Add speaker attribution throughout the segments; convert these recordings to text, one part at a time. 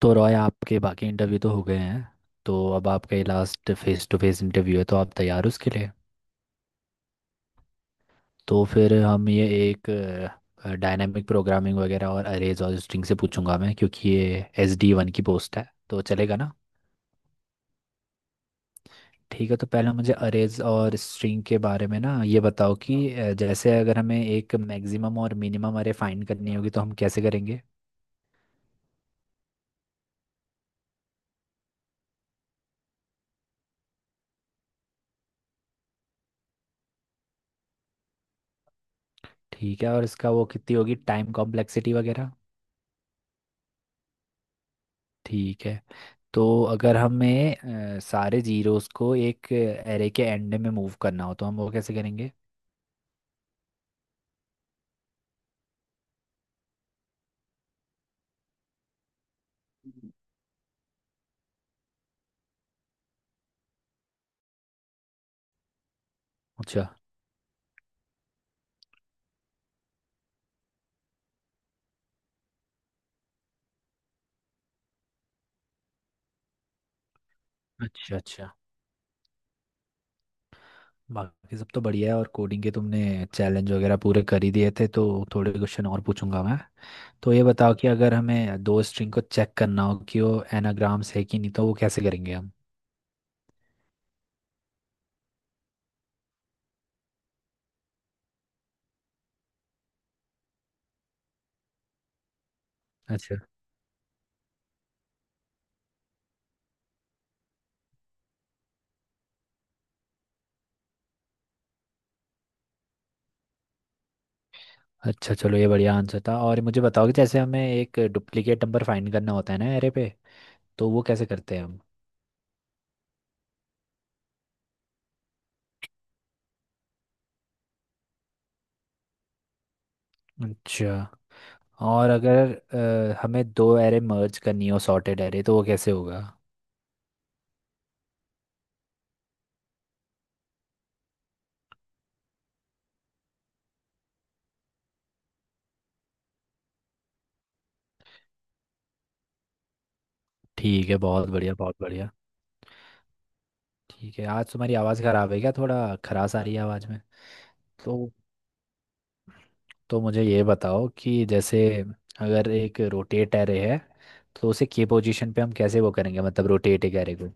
Speaker 1: तो रॉय आपके बाकी इंटरव्यू तो हो गए हैं। तो अब आपका ये last face to face interview है, तो आप तैयार हो उसके लिए। तो फिर हम ये एक डायनामिक प्रोग्रामिंग वगैरह और अरेज और स्ट्रिंग से पूछूंगा मैं, क्योंकि ये एस डी वन की पोस्ट है, तो चलेगा ना। ठीक है। तो पहले मुझे अरेज और स्ट्रिंग के बारे में ना ये बताओ कि जैसे अगर हमें एक मैक्सिमम और मिनिमम अरे फाइंड करनी होगी तो हम कैसे करेंगे। ठीक है। और इसका वो कितनी होगी टाइम कॉम्प्लेक्सिटी वगैरह। ठीक है। तो अगर हमें सारे जीरोस को एक एरे के एंड में मूव करना हो तो हम वो कैसे करेंगे। अच्छा अच्छा अच्छा। बाकी सब तो बढ़िया है, और कोडिंग के तुमने चैलेंज वगैरह पूरे कर ही दिए थे तो थोड़े क्वेश्चन और पूछूंगा मैं। तो ये बताओ कि अगर हमें दो स्ट्रिंग को चेक करना हो कि वो एनाग्राम्स है कि नहीं तो वो कैसे करेंगे हम। अच्छा। अच्छा, चलो ये बढ़िया आंसर था। और मुझे बताओ कि जैसे हमें एक डुप्लीकेट नंबर फाइंड करना होता है ना एरे पे, तो वो कैसे करते हैं हम। अच्छा। और अगर हमें दो एरे मर्ज करनी हो सॉर्टेड एरे तो वो कैसे होगा। ठीक है, बहुत बढ़िया बहुत बढ़िया। ठीक है। आज तुम्हारी आवाज़ ख़राब है क्या? थोड़ा खराश आ रही है आवाज़ में। तो तो मुझे ये बताओ कि जैसे अगर एक रोटेट एरे है तो उसे के पोजीशन पे हम कैसे वो करेंगे, मतलब रोटेट एक एरे को।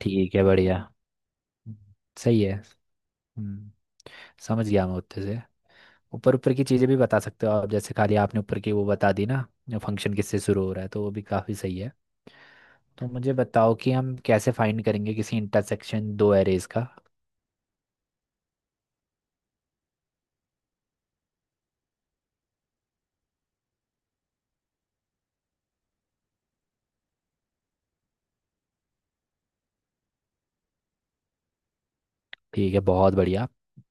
Speaker 1: ठीक है, बढ़िया। सही है। हम्म, समझ गया मैं उत्ते से। ऊपर ऊपर की चीज़ें भी बता सकते हो आप, जैसे खाली आपने ऊपर की वो बता दी ना, फंक्शन किससे शुरू हो रहा है, तो वो भी काफ़ी सही है। तो मुझे बताओ कि हम कैसे फाइंड करेंगे किसी इंटरसेक्शन दो एरेज का। ठीक है, बहुत बढ़िया।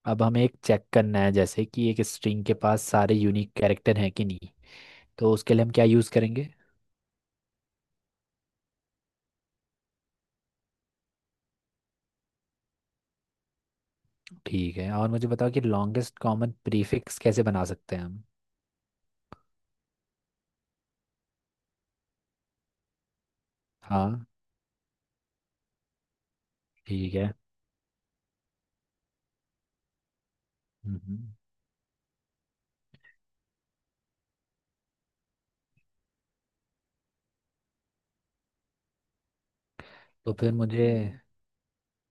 Speaker 1: अब हमें एक चेक करना है जैसे कि एक स्ट्रिंग के पास सारे यूनिक कैरेक्टर हैं कि नहीं, तो उसके लिए हम क्या यूज़ करेंगे। ठीक है। और मुझे बताओ कि लॉन्गेस्ट कॉमन प्रीफिक्स कैसे बना सकते हैं हम। हाँ। ठीक है। हम्म। तो फिर मुझे,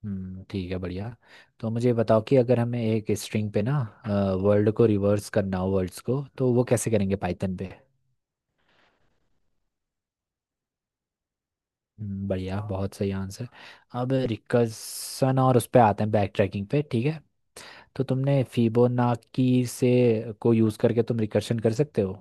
Speaker 1: हम्म, ठीक है, बढ़िया। तो मुझे बताओ कि अगर हमें एक स्ट्रिंग पे ना वर्ल्ड को रिवर्स करना हो वर्ड्स को तो वो कैसे करेंगे पाइथन पे। बढ़िया, बहुत सही आंसर। अब रिकर्सन और उस पे आते हैं, बैक ट्रैकिंग पे, ठीक है। तो तुमने फिबोनाकी से को यूज़ करके तुम रिकर्शन कर सकते हो।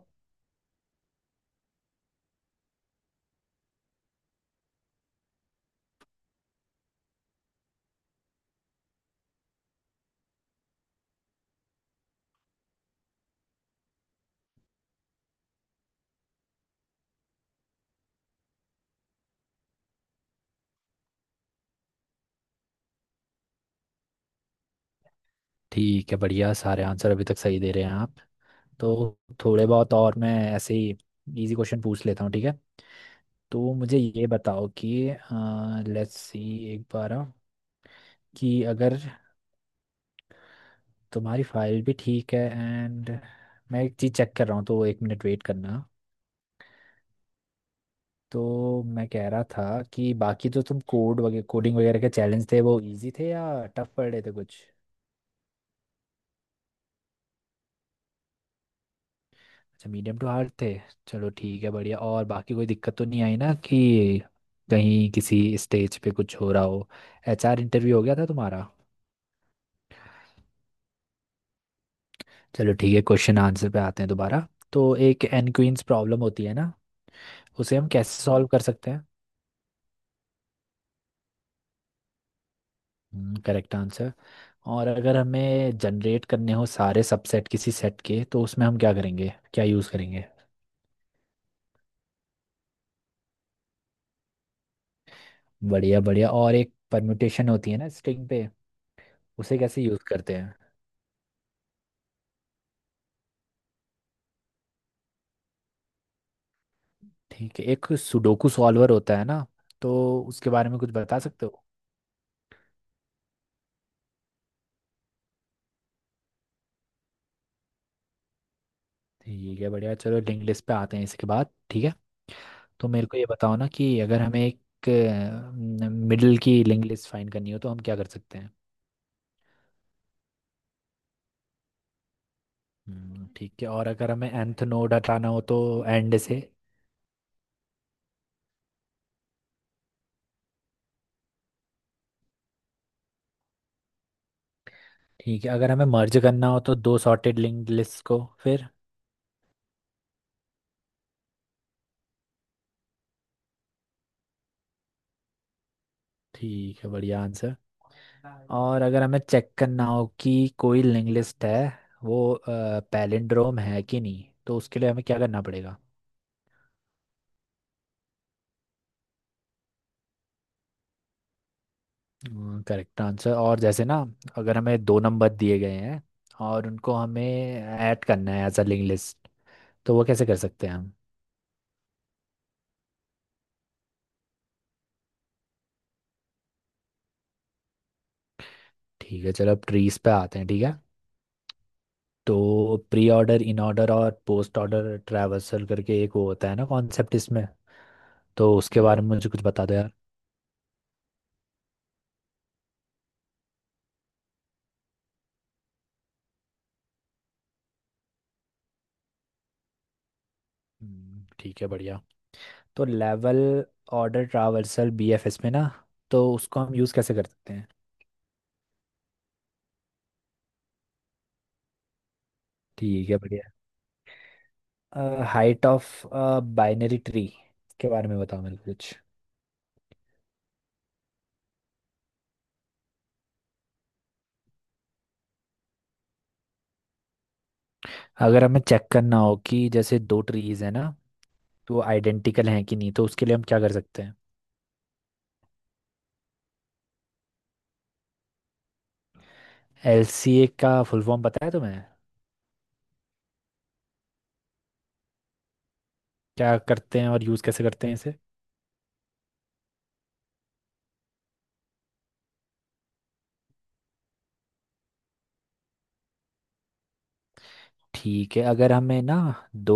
Speaker 1: ठीक है, बढ़िया। सारे आंसर अभी तक सही दे रहे हैं आप। तो थोड़े बहुत और मैं ऐसे ही इजी क्वेश्चन पूछ लेता हूँ, ठीक है। तो मुझे ये बताओ कि लेट्स सी एक बार, कि अगर तुम्हारी फाइल भी ठीक है। एंड मैं एक चीज़ चेक कर रहा हूँ तो एक मिनट वेट करना। तो मैं कह रहा था कि बाकी जो तुम कोड वगैरह कोडिंग वगैरह के चैलेंज थे वो इजी थे या टफ पड़ रहे थे कुछ। अच्छा, मीडियम टू हार्ड थे। चलो ठीक है, बढ़िया। और बाकी कोई दिक्कत तो नहीं आई ना कि कहीं किसी स्टेज पे कुछ हो रहा हो? एचआर इंटरव्यू हो गया था तुम्हारा? चलो ठीक है, क्वेश्चन आंसर पे आते हैं दोबारा। तो एक एनक्वींस प्रॉब्लम होती है ना, उसे हम कैसे सॉल्व कर सकते हैं? Correct answer. और अगर हमें जनरेट करने हो सारे सबसेट किसी सेट के तो उसमें हम क्या करेंगे, क्या यूज़ करेंगे? बढ़िया बढ़िया। और एक परम्यूटेशन होती है ना स्ट्रिंग पे, उसे कैसे यूज करते हैं? ठीक है। एक सुडोकू सॉल्वर होता है ना, तो उसके बारे में कुछ बता सकते हो? ठीक है, बढ़िया। चलो लिंक लिस्ट पे आते हैं इसके बाद, ठीक है। तो मेरे को ये बताओ ना कि अगर हमें एक मिडिल की लिंक लिस्ट फाइंड करनी हो तो हम क्या कर सकते हैं? ठीक है। और अगर हमें nth नोड हटाना हो तो एंड से? ठीक है। अगर हमें मर्ज करना हो तो दो सॉर्टेड लिंक्ड लिस्ट को फिर? ठीक है, बढ़िया आंसर। और अगर हमें चेक करना हो कि कोई लिंक लिस्ट है वो पैलिंड्रोम है कि नहीं, तो उसके लिए हमें क्या करना पड़ेगा? Correct answer. और जैसे ना अगर हमें दो नंबर दिए गए हैं और उनको हमें ऐड करना है एज अ लिंक लिस्ट, तो वो कैसे कर सकते हैं हम? ठीक है, चलो अब ट्रीज पे आते हैं, ठीक है। तो प्री ऑर्डर, इन ऑर्डर और पोस्ट ऑर्डर ट्रैवर्सल करके एक वो होता है ना कॉन्सेप्ट इसमें, तो उसके बारे में मुझे कुछ बता दो यार। ठीक है, बढ़िया। तो लेवल ऑर्डर ट्रावर्सल बीएफएस में ना, तो उसको हम यूज़ कैसे कर सकते हैं? ठीक है, बढ़िया। हाइट ऑफ बाइनरी ट्री के बारे में बताओ मेरे को कुछ। अगर हमें चेक करना हो कि जैसे दो ट्रीज है ना, तो वो आइडेंटिकल हैं कि नहीं, तो उसके लिए हम क्या कर सकते हैं? एलसीए का फुल फॉर्म पता है तुम्हें? क्या करते हैं और यूज़ कैसे करते हैं इसे? ठीक है। अगर हमें ना दो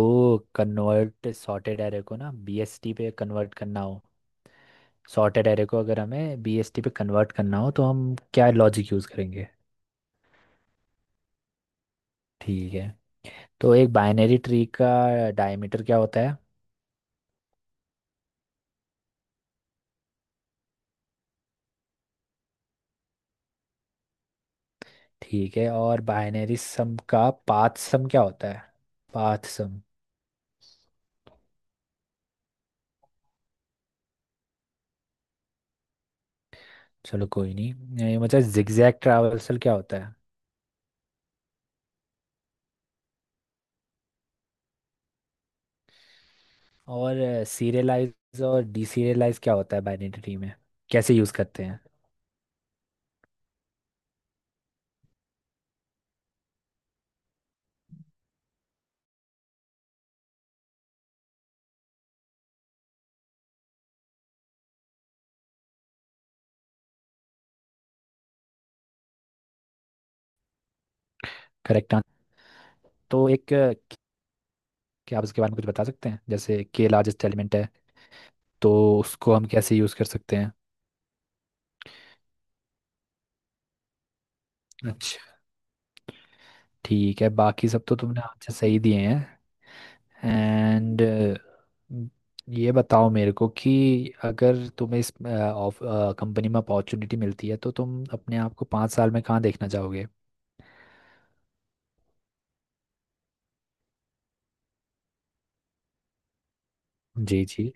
Speaker 1: कन्वर्ट सॉर्टेड एरे को ना बीएसटी पे कन्वर्ट करना हो, सॉर्टेड एरे को अगर हमें बीएसटी पे कन्वर्ट करना हो तो हम क्या लॉजिक यूज़ करेंगे? ठीक है। तो एक बाइनरी ट्री का डायमीटर क्या होता है? ठीक है। और बाइनरी सम का पाथ सम क्या होता है? Path sum. चलो कोई नहीं। ये मतलब जिगजैग ट्रैवर्सल क्या होता है? और सीरियलाइज और डीसीरियलाइज क्या होता है बाइनरी ट्री में, कैसे यूज़ करते हैं? Correct answer. तो एक क्या आप उसके बारे में कुछ बता सकते हैं जैसे के लार्जेस्ट एलिमेंट है, तो उसको हम कैसे यूज़ कर सकते हैं? अच्छा, ठीक है। बाकी सब तो तुमने आंसर सही दिए हैं। एंड ये बताओ मेरे को कि अगर तुम्हें इस कंपनी में अपॉर्चुनिटी मिलती है तो तुम अपने आप को 5 साल में कहाँ देखना चाहोगे? जी जी।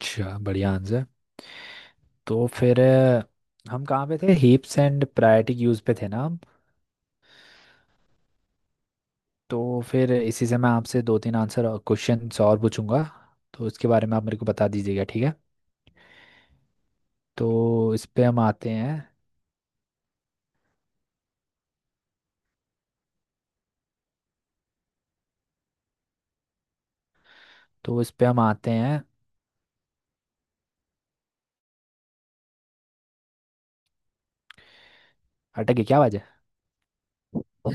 Speaker 1: अच्छा, बढ़िया आंसर। तो फिर हम कहाँ पे थे, हीप्स एंड प्रायोरिटी यूज पे थे ना हम। तो फिर इसी से मैं आपसे दो तीन आंसर और क्वेश्चंस और पूछूंगा, तो इसके बारे में आप मेरे को बता दीजिएगा, ठीक है। तो इस पे हम आते हैं। तो इस पे हम आते हैं। अटक गई क्या आवाज? पडिर ऑय filtरण है वह सारे हैं